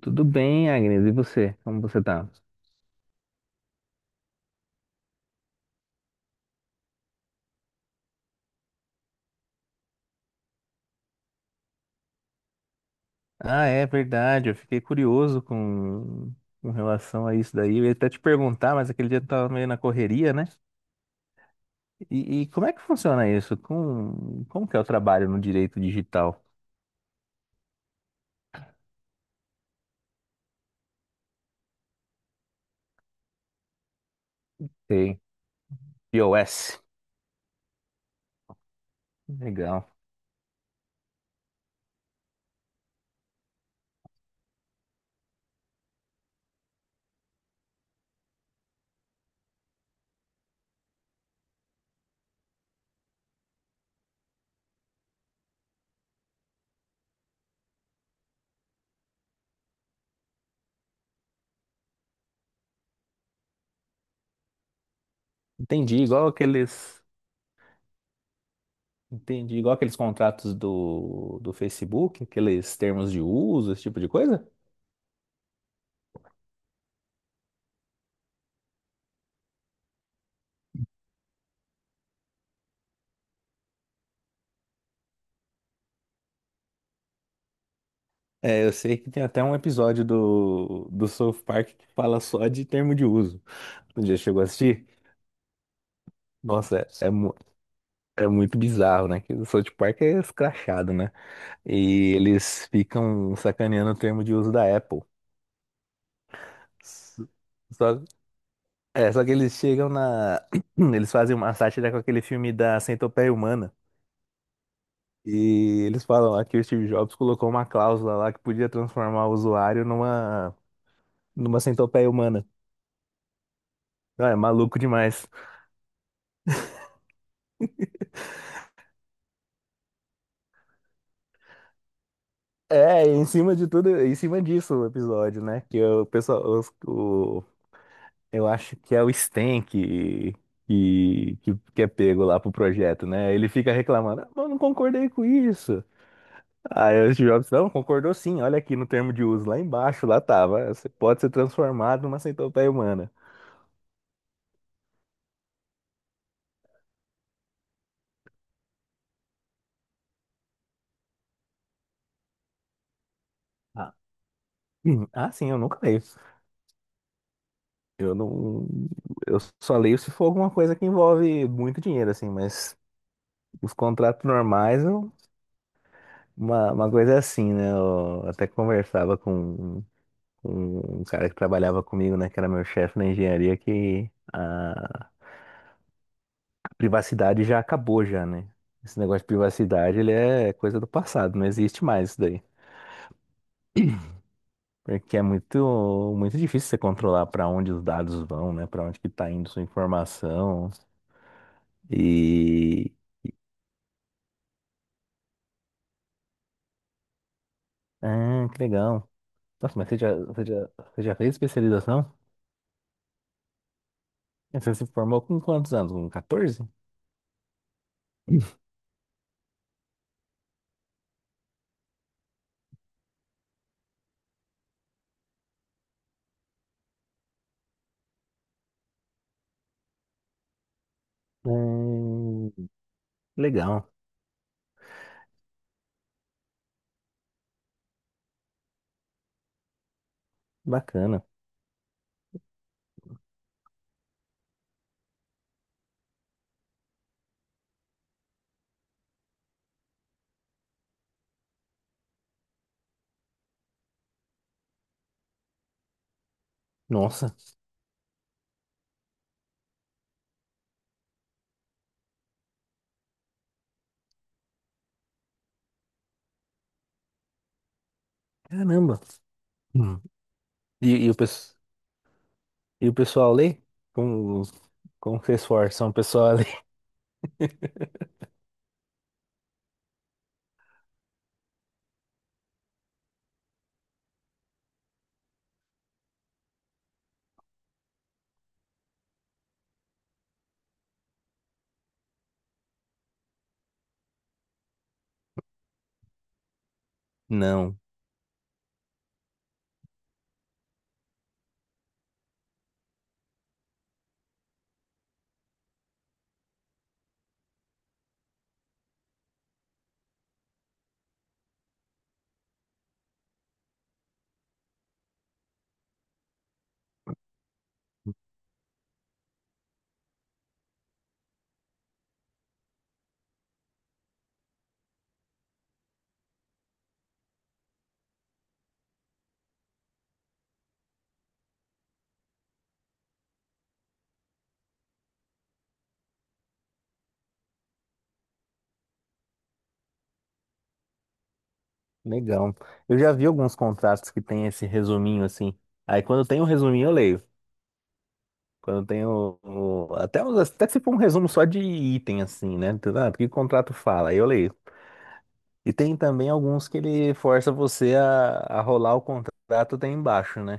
Tudo bem, Agnes? E você? Como você tá? Ah, é verdade. Eu fiquei curioso com relação a isso daí. Eu ia até te perguntar, mas aquele dia eu tava meio na correria, né? E como é que funciona isso? Como que é o trabalho no direito digital? Sei. iOS. Legal. Entendi, igual aqueles, Entendi, igual aqueles contratos do Facebook, aqueles termos de uso, esse tipo de coisa? É, eu sei que tem até um episódio do South Park que fala só de termo de uso. Já chegou a assistir? Nossa, é muito bizarro, né? Que o South Park é escrachado, né? E eles ficam sacaneando o termo de uso da Apple. S- Só, só que eles chegam na. Eles fazem uma sátira com aquele filme da Centopeia Humana. E eles falam lá que o Steve Jobs colocou uma cláusula lá que podia transformar o usuário numa centopeia humana. Ah, é maluco demais. É, e em cima de tudo, em cima disso o episódio, né? Que o pessoal, o eu acho que é o Sten que é pego lá pro projeto, né? Ele fica reclamando, ah, mas eu não concordei com isso. Aí o Steve Jobs, não, concordou sim, olha aqui no termo de uso, lá embaixo, lá tava. Você pode ser transformado numa centopeia humana. Ah, sim, eu nunca leio. Eu não. Eu só leio se for alguma coisa que envolve muito dinheiro, assim, mas os contratos normais, uma coisa é assim, né? Eu até conversava com. um cara que trabalhava comigo, né, que era meu chefe na engenharia, que a privacidade já acabou já, né? Esse negócio de privacidade, ele é coisa do passado, não existe mais isso daí. Porque é muito difícil você controlar para onde os dados vão, né? Para onde que tá indo sua informação. E... Ah, que legal. Nossa, mas você já fez especialização? Você se formou com quantos anos? Com 14? Hum, legal, bacana. Nossa. Caramba. Hum. E, e o, pes- e o pessoal lê? Como, como vocês forçam o pessoal a ler? Não. Legal. Eu já vi alguns contratos que tem esse resuminho assim. Aí quando tem o resuminho eu leio. Quando tem até, até se for um resumo só de item assim, né? Tudo, ah, o que o contrato fala? Aí eu leio. E tem também alguns que ele força você a rolar o contrato até embaixo, né?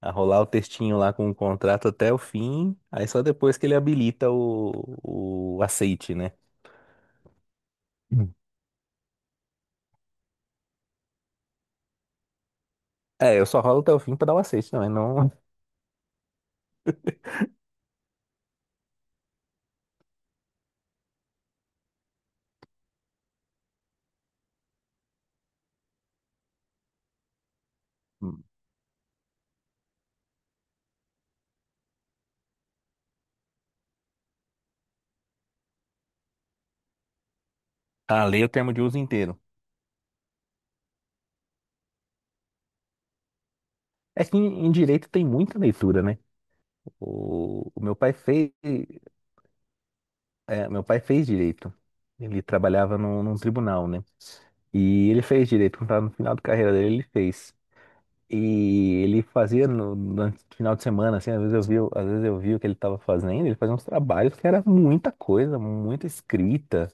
A rolar o textinho lá com o contrato até o fim, aí só depois que ele habilita o aceite, né? Hum. É, eu só rolo até o fim pra dar o aceite, não, é não a ler o termo de uso inteiro. É que em direito tem muita leitura, né? O meu pai fez, meu pai fez direito. Ele trabalhava num tribunal, né? E ele fez direito, quando tava no final da carreira dele, ele fez. E ele fazia no final de semana, assim, às vezes eu vi o que ele estava fazendo, ele fazia uns trabalhos que era muita coisa, muita escrita,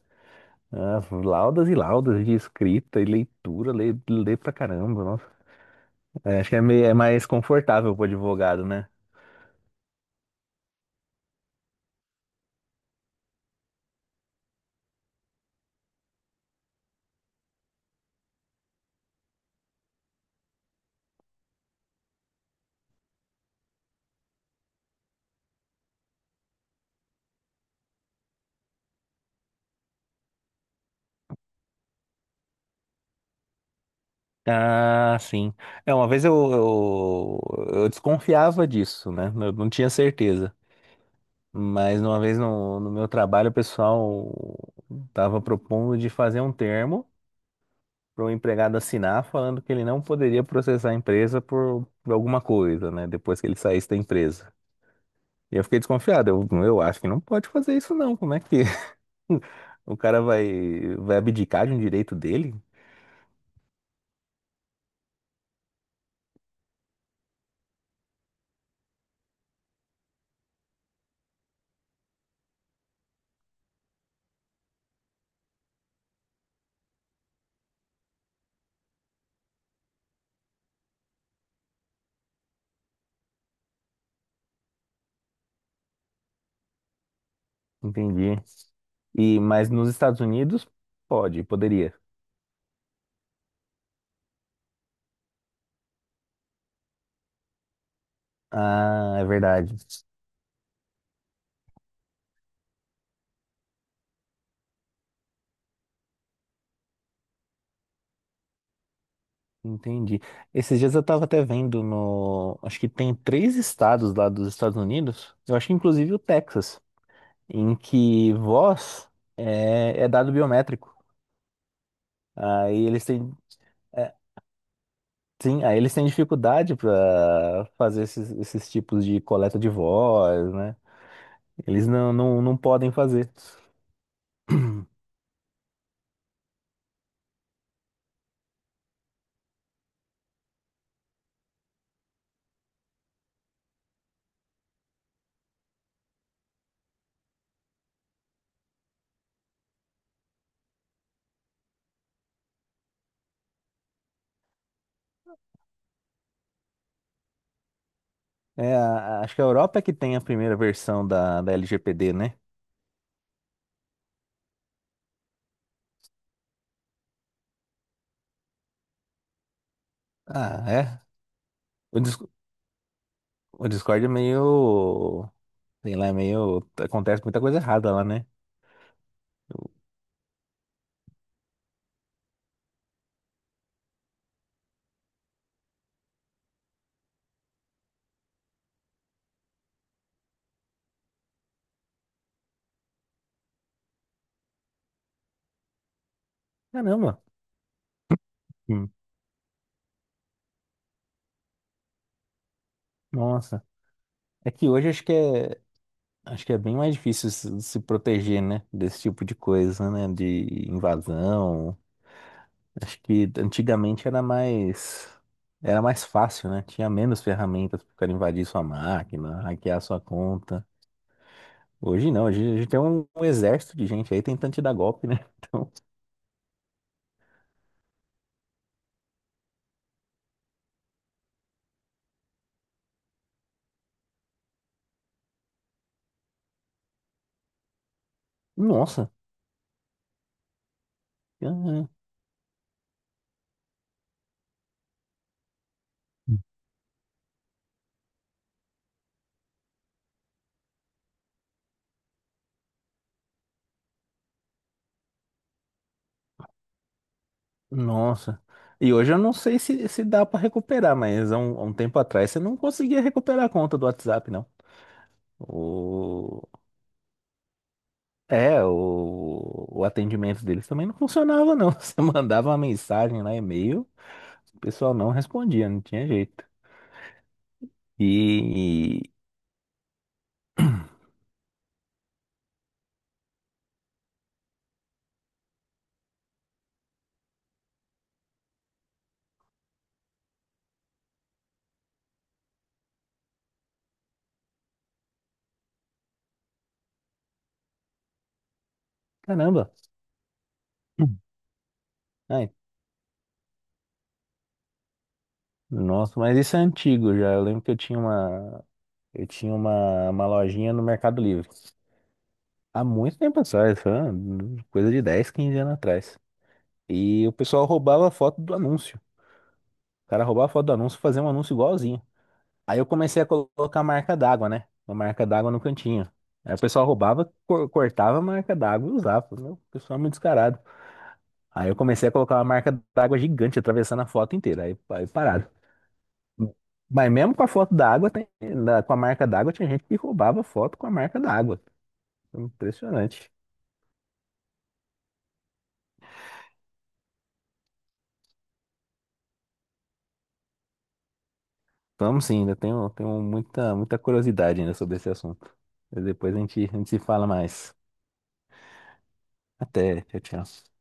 ah, laudas e laudas de escrita e leitura, lê, lê pra caramba, nossa. É, acho que é, meio, é mais confortável pro advogado, né? Ah, sim. É, uma vez eu desconfiava disso, né? Eu não tinha certeza. Mas uma vez no meu trabalho, o pessoal estava propondo de fazer um termo para o empregado assinar falando que ele não poderia processar a empresa por alguma coisa, né? Depois que ele saísse da empresa. E eu fiquei desconfiado. Eu acho que não pode fazer isso não. Como é que o vai abdicar de um direito dele? Entendi. E mas nos Estados Unidos poderia. Ah, é verdade. Entendi. Esses dias eu estava até vendo no, acho que tem três estados lá dos Estados Unidos. Eu acho que inclusive o Texas, em que voz é dado biométrico. Aí eles têm, é, sim, aí eles têm dificuldade para fazer esses tipos de coleta de voz, né? Eles não podem fazer. É, a- acho que a Europa é que tem a primeira versão da LGPD, né? Ah, é. O, Dis- o Discord é meio. Sei lá, é meio. Acontece muita coisa errada lá, né? Eu- Caramba. Hum. Nossa. É que hoje acho que é bem mais difícil se proteger, né? Desse tipo de coisa, né? De invasão. Acho que era mais fácil, né? Tinha menos ferramentas para invadir sua máquina, hackear sua conta. Hoje não, hoje a gente tem um exército de gente aí tentando te dar golpe, né? Então, nossa. Ah, nossa. E hoje eu não sei se, se dá para recuperar, mas há um tempo atrás você não conseguia recuperar a conta do WhatsApp, não. O... É, o atendimento deles também não funcionava, não. Você mandava uma mensagem lá, e-mail, o pessoal não respondia, não tinha jeito. E. e- Caramba! Hum. Ai, nossa, mas isso é antigo já. Eu lembro que eu tinha uma. Eu tinha uma lojinha no Mercado Livre. Há muito tempo atrás, foi uma coisa de 10 15 anos atrás. E o pessoal roubava a foto do anúncio. O cara roubava a foto do anúncio e fazia um anúncio igualzinho. Aí eu comecei a colocar marca d'água, né? Uma marca d'água no cantinho. Aí o pessoal roubava, cortava a marca d'água e usava. Falei, meu, o pessoal é muito descarado. Aí eu comecei a colocar uma marca d'água gigante, atravessando a foto inteira. Aí parado. Mas mesmo com a foto d'água, tem- da- com a marca d'água, tinha gente que roubava foto com a marca d'água. Impressionante. Vamos sim, ainda tenho, muita curiosidade ainda sobre esse assunto. Mas depois a gente se fala mais. Até, tchau, tchau.